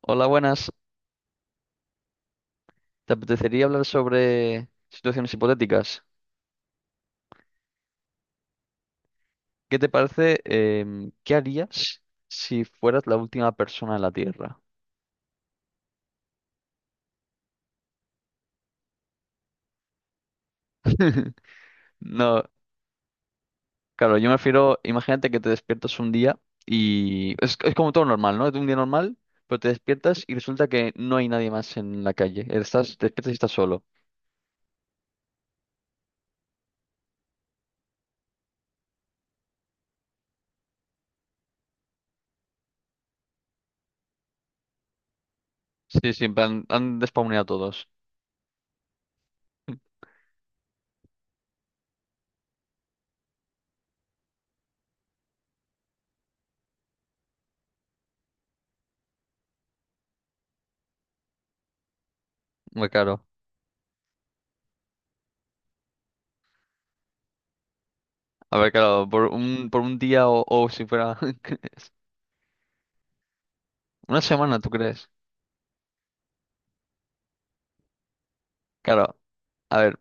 Hola, buenas. ¿Te apetecería hablar sobre situaciones hipotéticas? ¿Qué te parece? ¿Qué harías si fueras la última persona en la Tierra? No, claro, yo me refiero, imagínate que te despiertas un día y es como todo normal, ¿no? Es un día normal, pero te despiertas y resulta que no hay nadie más en la calle. Estás, te despiertas y estás solo. Sí, sí, en plan, han despawneado a todos. Muy claro. A ver, claro, por un día o si fuera una semana, ¿tú crees? Claro. A ver,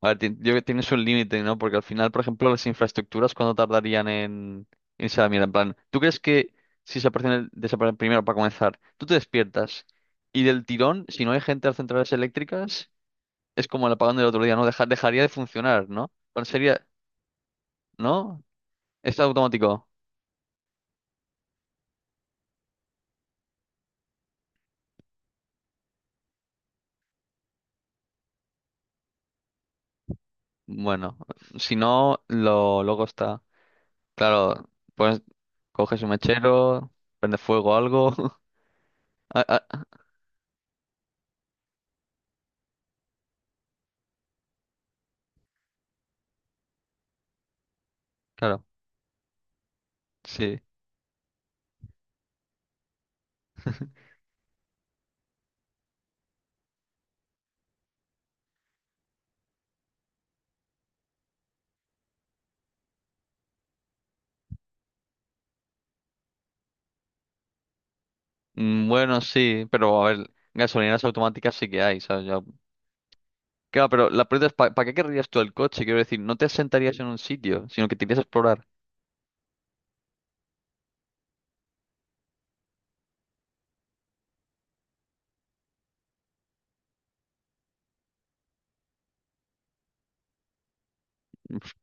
Yo creo que tienes un límite, ¿no? Porque al final, por ejemplo, las infraestructuras, ¿cuándo tardarían en irse a la mierda? En plan, ¿tú crees que si desaparecen primero para comenzar, tú te despiertas y del tirón, si no hay gente a las centrales eléctricas, es como el apagón del otro día, ¿no? Dejaría de funcionar, ¿no? Pero sería, ¿no? ¿Es automático? Bueno, si no, lo luego está. Claro, pues coges un mechero, prende fuego algo. Ah, ah, claro, sí. Bueno, sí, pero a ver, gasolineras automáticas sí que hay, ¿sabes? Ya- Claro, pero la pregunta es, ¿para qué querrías tú el coche? Quiero decir, no te sentarías en un sitio, sino que te irías a explorar.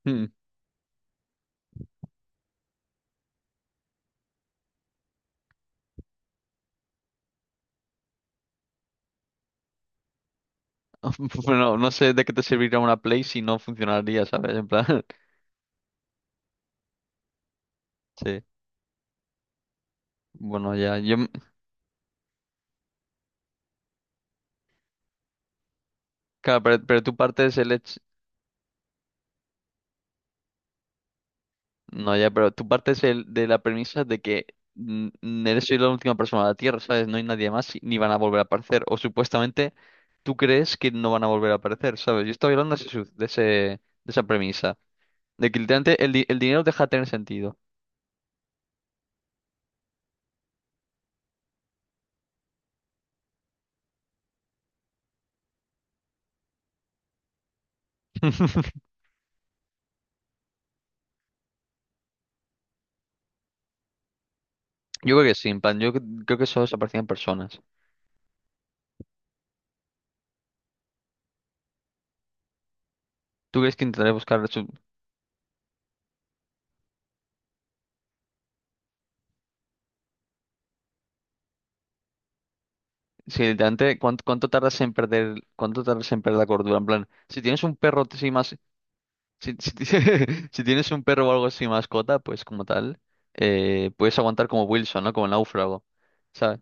Hmm. Bueno, no sé de qué te serviría una Play si no funcionaría, ¿sabes? En plan, sí. Bueno, ya, yo, m- claro, pero tu parte es el hecho, no, ya, pero tu parte es el de la premisa de que eres la última persona de la Tierra, ¿sabes? No hay nadie más y ni van a volver a aparecer, o supuestamente tú crees que no van a volver a aparecer, ¿sabes? Yo estaba hablando de, ese, su- de ese- de esa premisa, de que literalmente el dinero deja de tener sentido. Yo creo que sí, en plan, creo que solo desaparecían personas. ¿Tú crees que intentaré buscar su... Si literalmente, ¿cuánto tardas en perder la cordura? En plan, si tienes un perro así más, si, si ti- si tienes un perro o algo así mascota, pues como tal, puedes aguantar como Wilson, ¿no? Como el náufrago, ¿sabes?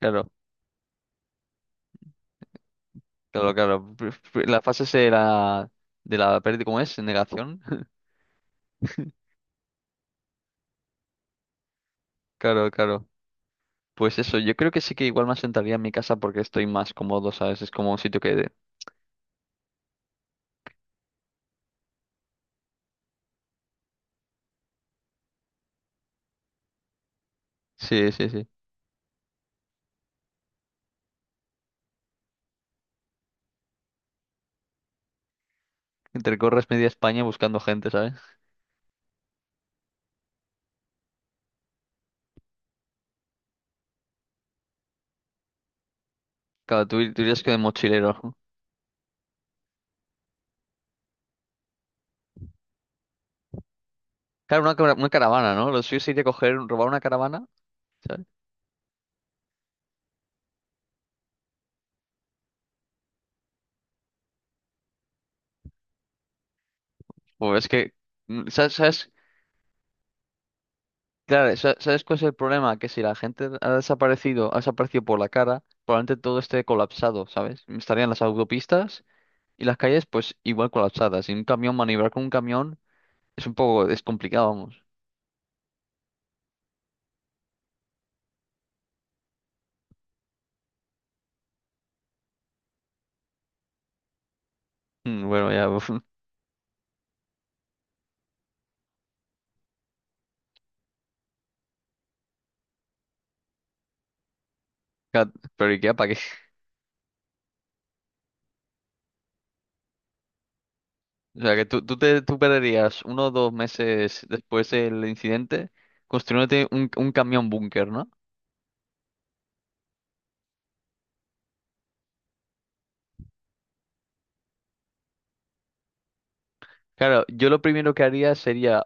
Claro. Claro, claro. La fase será de la pérdida, ¿cómo es? Negación. Claro, claro. Pues eso, yo creo que sí que igual me asentaría en mi casa porque estoy más cómodo, ¿sabes? Es como un sitio que... Sí, sí, sí. Intercorres media España buscando gente, ¿sabes? Claro, tú irías que de mochilero. Claro, una caravana, ¿no? Lo suyo sería coger, robar una caravana, ¿sabes? Pues es que... ¿sabes? Claro, ¿sabes cuál es el problema? Que si la gente ha desaparecido por la cara, probablemente todo esté colapsado, ¿sabes? Estarían las autopistas. Y las calles, pues igual colapsadas. Y un camión, maniobrar con un camión es complicado, vamos. Bueno, ya, ya, pero ¿y qué? ¿Para qué? O sea, que tú perderías uno o dos meses después del incidente construyéndote un camión búnker, ¿no? Claro, yo lo primero que haría sería,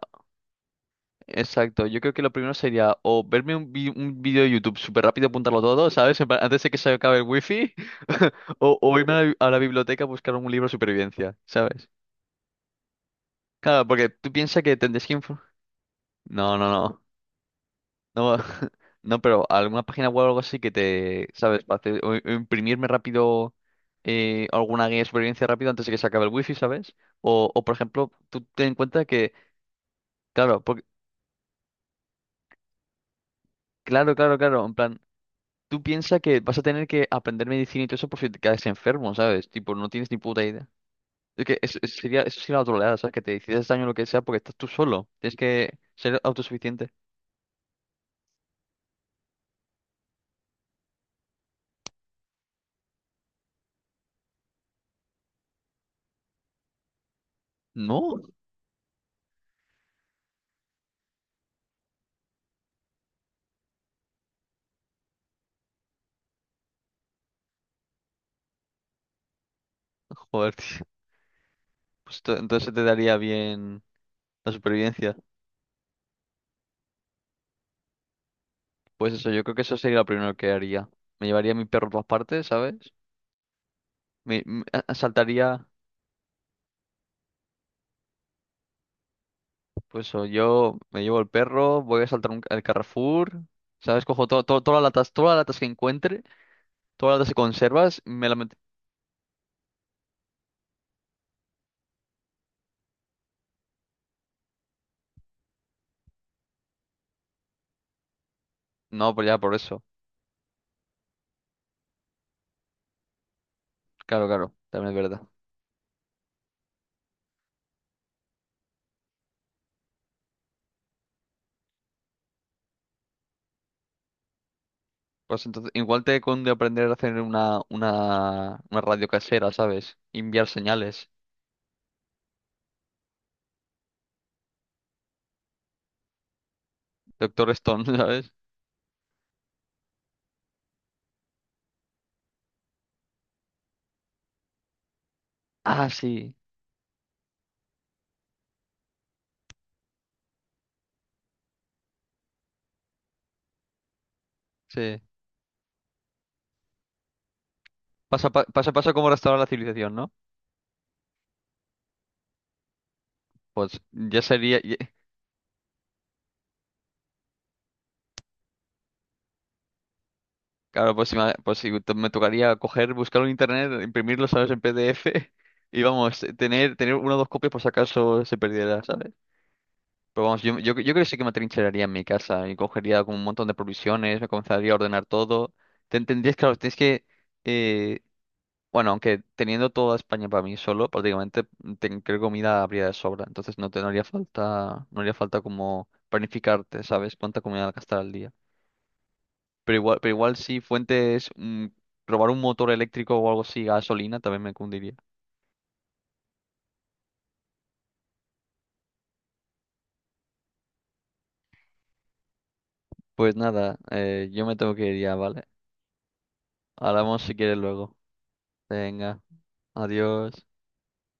exacto, yo creo que lo primero sería o un vídeo de YouTube súper rápido, apuntarlo todo, ¿sabes? En plan, antes de que se acabe el wifi, o irme a a la biblioteca a buscar un libro de supervivencia, ¿sabes? Claro, porque tú piensas que tendrías que no, no, no. No, no, pero alguna página web o algo así que te, ¿sabes? Para o imprimirme rápido alguna guía de supervivencia rápido antes de que se acabe el wifi, ¿sabes? O por ejemplo, tú ten en cuenta que, claro, porque, claro, claro, claro, en plan, tú piensas que vas a tener que aprender medicina y todo eso por si te caes enfermo, ¿sabes? Tipo, no tienes ni puta idea. Es que eso sería la troleada, ¿sabes? Que te decides daño lo que sea porque estás tú solo. Tienes que ser autosuficiente. No, joder, tío. Pues entonces te daría bien. La supervivencia. Pues eso, yo creo que eso sería lo primero que haría. Me llevaría a mi perro a todas partes, ¿sabes? Saltaría, pues eso, yo me llevo el perro, voy a saltar el Carrefour, ¿sabes? Cojo todas las latas que encuentre, todas las latas que conservas, no, pues ya por eso. Claro, claro, también es verdad. Pues entonces, igual te conde aprender a hacer una radio casera, ¿sabes? Enviar señales. Doctor Stone, ¿sabes? Ah, sí, sí. Pasa, pasa como restaurar la civilización, ¿no? Pues ya sería, claro, pues, si me pues si to- me tocaría coger, buscarlo en internet, imprimirlo, ¿sabes? En PDF y vamos, tener una o dos copias por si acaso se perdiera, ¿sabes? Pero vamos, yo creo que sí que me atrincheraría en mi casa y cogería como un montón de provisiones, me comenzaría a ordenar todo. Te entendías, claro, tienes que, eh, bueno, aunque teniendo toda España para mí solo, prácticamente creo que comida habría de sobra, entonces no haría falta, no haría falta como planificarte, ¿sabes? Cuánta comida gastar al día. Pero igual si fuentes, robar un motor eléctrico o algo así, gasolina, también me cundiría. Pues nada, yo me tengo que ir ya, ¿vale? Hablamos si quieres luego. Venga, adiós.